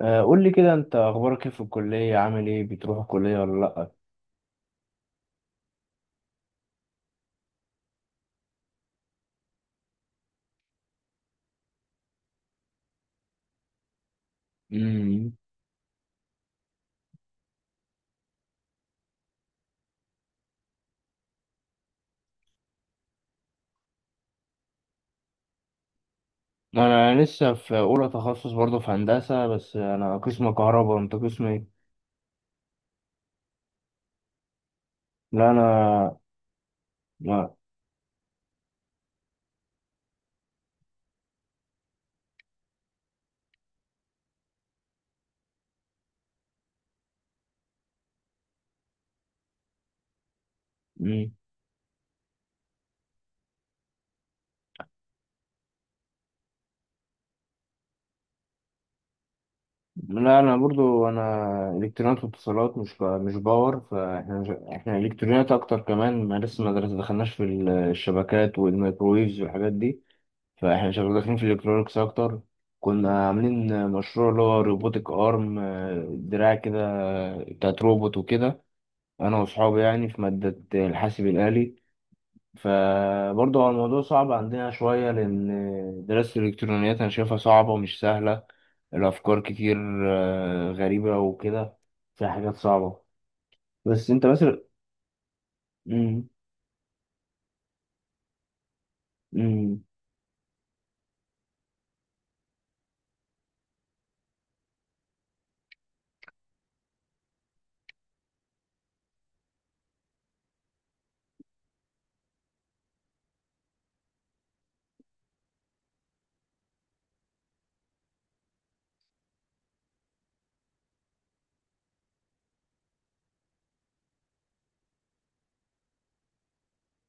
آه، قول لي كده، انت اخبارك ايه في الكليه؟ عامل ايه؟ بتروح الكليه ولا لا؟ امم. انا لسه في اولى تخصص، برضه في هندسه، بس انا قسم كهرباء. انت قسم ايه؟ لا انا ما مم. لا انا برضه انا الكترونيات واتصالات، مش باور. فاحنا مش... احنا الكترونيات اكتر. كمان ما لسه ما دخلناش في الشبكات والميكرويفز والحاجات دي. فاحنا شغالين داخلين في الالكترونكس اكتر. كنا عاملين مشروع اللي هو روبوتك ارم، دراع كده بتاعت روبوت وكده، انا واصحابي يعني، في مادة الحاسب الآلي. فبرضه هو الموضوع صعب عندنا شوية، لأن دراسة الإلكترونيات أنا شايفها صعبة ومش سهلة، الأفكار كتير غريبة وكده، فيها حاجات صعبة. بس أنت مثلا... مم. مم.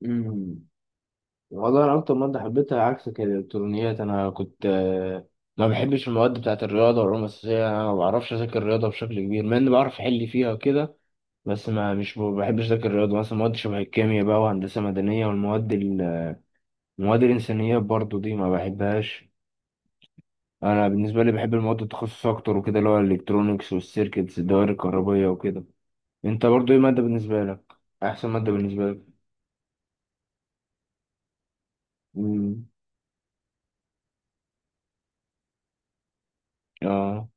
مم. والله أنا أكتر مادة حبيتها عكسك هي الإلكترونيات. أنا كنت، ما بحبش المواد بتاعة الرياضة والعلوم الأساسية، أنا ما بعرفش أذاكر الرياضة بشكل كبير مع إني بعرف أحل فيها وكده. بس ما مش ب- بحبش أذاكر الرياضة، مثلا مواد شبه الكيمياء بقى، وهندسة مدنية، والمواد المواد الإنسانية برضو دي ما بحبهاش. أنا بالنسبة لي بحب المواد التخصص أكتر وكده، اللي هو الإلكترونيكس والسيركتس، الدوائر الكهربية وكده. أنت برضو إيه مادة بالنسبة لك؟ أحسن مادة بالنسبة لك؟ مم. آه.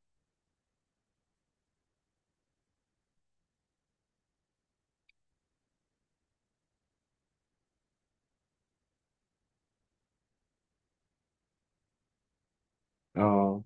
آه.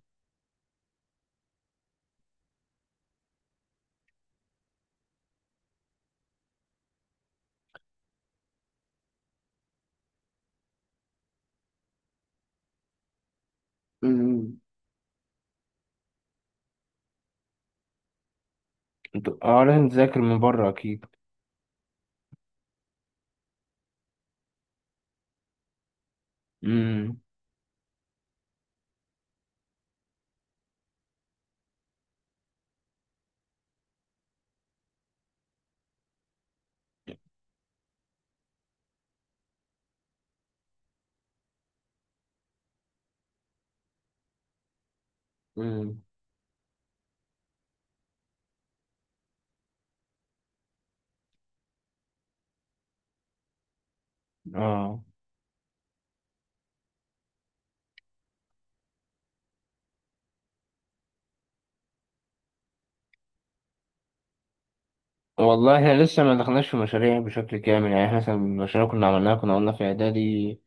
انتوا لازم تذاكر من بره اكيد. امم. امم. اه. والله احنا لسه ما دخلناش في مشاريع بشكل كامل، يعني احنا مثلا المشاريع كنا عملناها، كنا قلنا في اعدادي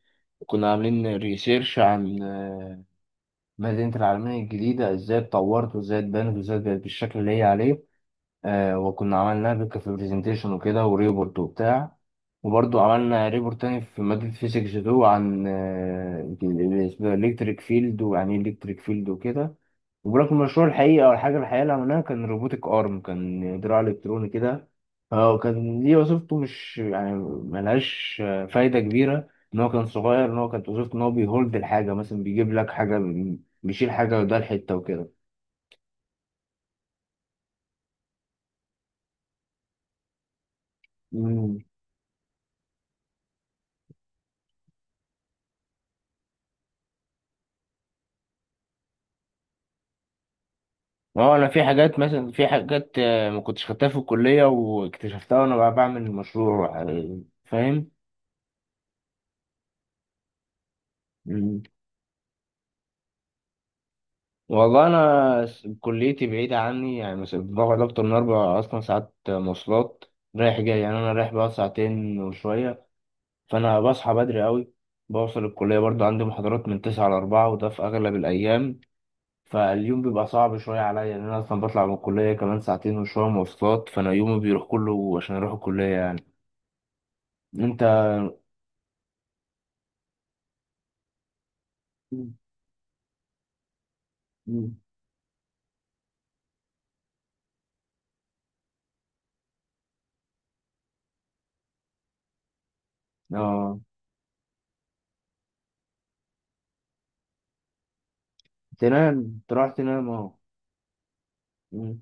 كنا عاملين ريسيرش عن مدينة العالمية الجديدة، ازاي اتطورت وازاي اتبنت وازاي بقت بالشكل اللي هي عليه. وكنا عملناها في برزنتيشن وكده وريبورت وبتاع. وبرضو عملنا ريبورت تاني في مادة فيزيكس 2 عن الإلكتريك فيلد، ويعني إيه إلكتريك فيلد وكده. وبرك المشروع الحقيقي أو الحاجة الحقيقية اللي عملناها كان روبوتك أرم، كان دراع إلكتروني كده. هو كان دي وظيفته مش يعني ملهاش فايدة كبيرة، إن هو كان صغير، إن هو كانت وظيفته إن هو بيهولد الحاجة، مثلا بيجيب لك حاجة، بيشيل حاجة، وده الحتة وكده. اه، انا في حاجات مثلا، في حاجات ما كنتش خدتها في الكليه واكتشفتها وانا بقى بعمل المشروع، فاهم. مم. والله انا كليتي بعيده عني، يعني مثلا بقعد اكتر من اربع اصلا ساعات مواصلات، رايح جاي، يعني انا رايح بقى ساعتين وشويه، فانا بصحى بدري قوي، بوصل الكليه، برضو عندي محاضرات من 9 لـ4، وده في اغلب الايام. فاليوم بيبقى صعب شويه عليا لان انا اصلا بطلع من الكليه كمان ساعتين وشويه مواصلات، فانا يومي بيروح كله عشان اروح الكليه يعني. انت... مم. اه، تنام تروح تنام اهو. مم.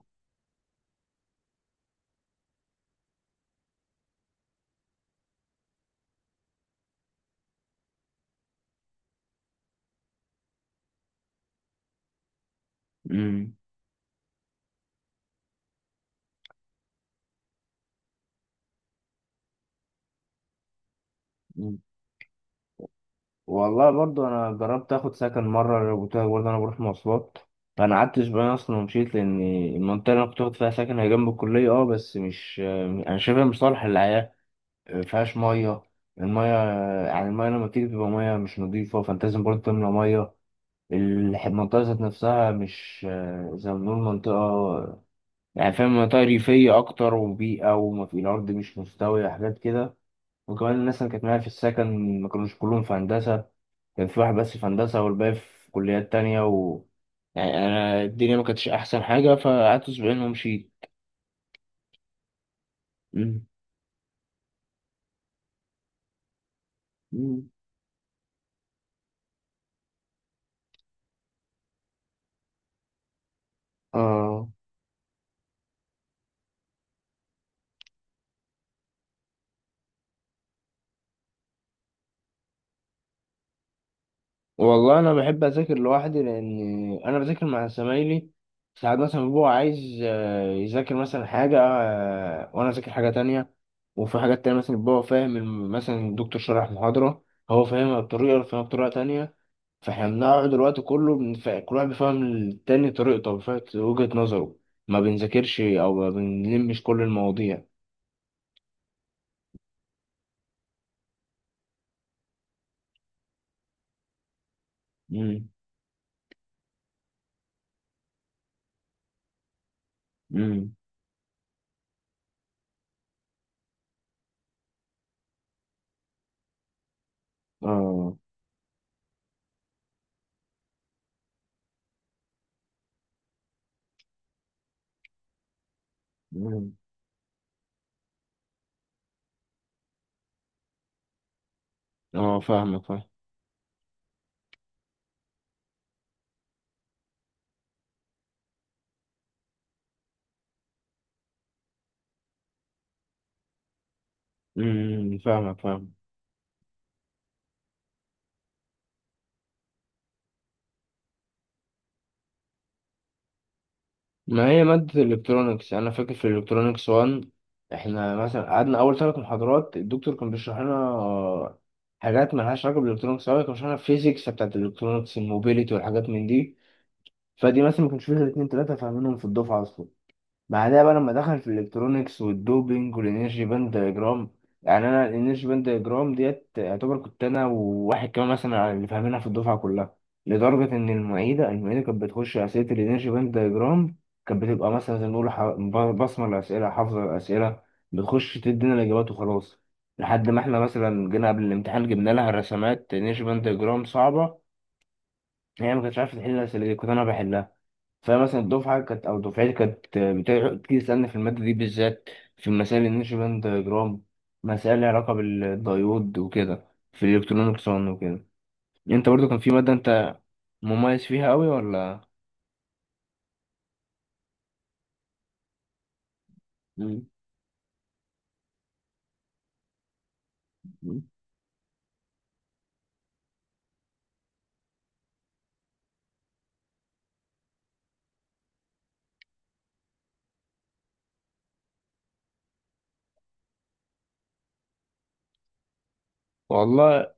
مم. مم. والله برضو انا جربت اخد سكن مره، قلت لك، برضو انا بروح مواصلات، فانا قعدت اسبوعين اصلا ومشيت، لان المنطقه اللي انا كنت واخد فيها سكن هي جنب الكليه، بس مش... انا شايفها مش صالح للحياه، مفيهاش ميه، الميه، يعني الميه لما بتيجي بتبقى ميه مش نظيفه، فانت لازم برضو تملى ميه. المنطقه ذات نفسها مش زي ما بنقول منطقه، يعني فاهم، منطقة ريفية أكتر وبيئة، وما في الأرض مش مستوية، حاجات كده. وكمان الناس اللي كانت معايا في السكن ما كانوش كلهم في هندسة، كان في واحد بس في هندسة والباقي في كليات تانية، و يعني أنا الدنيا ما كانتش أحسن حاجة، فقعدت أسبوعين ومشيت. مم. مم. آه. والله انا بحب اذاكر لوحدي لان انا بذاكر مع زمايلي، ساعات مثلا بيبقى عايز يذاكر مثلا حاجه، وانا اذاكر حاجه تانية. وفي حاجات تانية مثلا بيبقى هو فاهم مثلا الدكتور شرح محاضره، هو فاهمها بطريقه وأنا فاهمها بطريقه تانية، فاحنا بنقعد الوقت كله، كل واحد بيفهم التاني طريقته، بيفهم وجهه نظره، ما بنذاكرش او ما بنلمش كل المواضيع. امم. امم. اه. امم. اه. فاهمك. فاهم. امم. فاهمك. فاهمك. ما هي مادة الإلكترونيكس أنا فاكر في الإلكترونيكس 1، إحنا مثلا قعدنا أول 3 محاضرات الدكتور كان بيشرح لنا حاجات مالهاش علاقة بالإلكترونيكس أوي، كان بيشرح لنا الفيزيكس بتاعت الإلكترونيكس، الموبيليتي والحاجات من دي. فدي مثلا ما كانش فيها اتنين تلاتة فاهمينهم في الدفعة أصلا. بعدها بقى لما دخل في الالكترونيكس والدوبينج والانرجي باند دايجرام، يعني انا الانرجي باند دايجرام ديت يعتبر كنت انا وواحد كمان مثلا اللي فاهمينها في الدفعه كلها، لدرجه ان المعيده كانت بتخش اسئله الانرجي باند دايجرام، كانت بتبقى مثلا زي ما نقول بصمه الاسئله، حافظه الاسئله، بتخش تدينا الاجابات وخلاص. لحد ما احنا مثلا جينا قبل الامتحان، جبنا لها الرسمات انرجي باند دايجرام صعبه، هي ما كانتش عارفه تحل الاسئله دي، كنت انا بحلها. فمثلا الدفعة كانت أو دفعتي كانت بتيجي تسألني في المادة دي بالذات، في مسائل النيوتن باند دايجرام، مسائل لها علاقة بالديود وكده في الإلكترونيكس وكده. أنت برضو كان في مادة أنت مميز فيها أوي ولا؟ مم. والله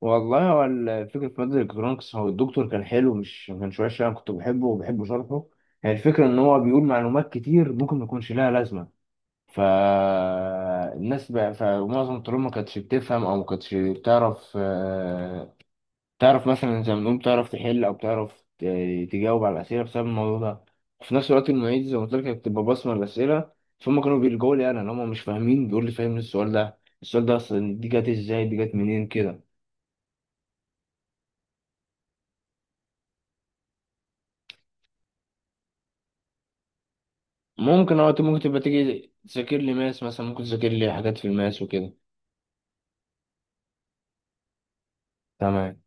والله، هو الفكرة في مادة الإلكترونيكس، هو الدكتور كان حلو، مش ما كانش وحش، أنا كنت بحبه وبحب شرحه. هي الفكرة إن هو بيقول معلومات كتير ممكن ما يكونش لها لازمة، فالناس بقى، فمعظم الطلاب ما كانتش بتفهم او ما كانتش بتعرف، تعرف مثلا زي ما بنقول تعرف تحل او تعرف تجاوب على الاسئله، بسبب الموضوع ده. وفي نفس الوقت المعيد زي ما قلت لك كانت بتبقى بصمه الاسئله، فهم كانوا بيلجؤوا لي انا، ان هم مش فاهمين بيقول لي فاهم السؤال ده، السؤال ده اصلا دي جت ازاي، دي جت منين كده. ممكن تبقى تيجي تذاكر لي ماس مثلا، ممكن تذاكر لي حاجات في الماس وكده. تمام.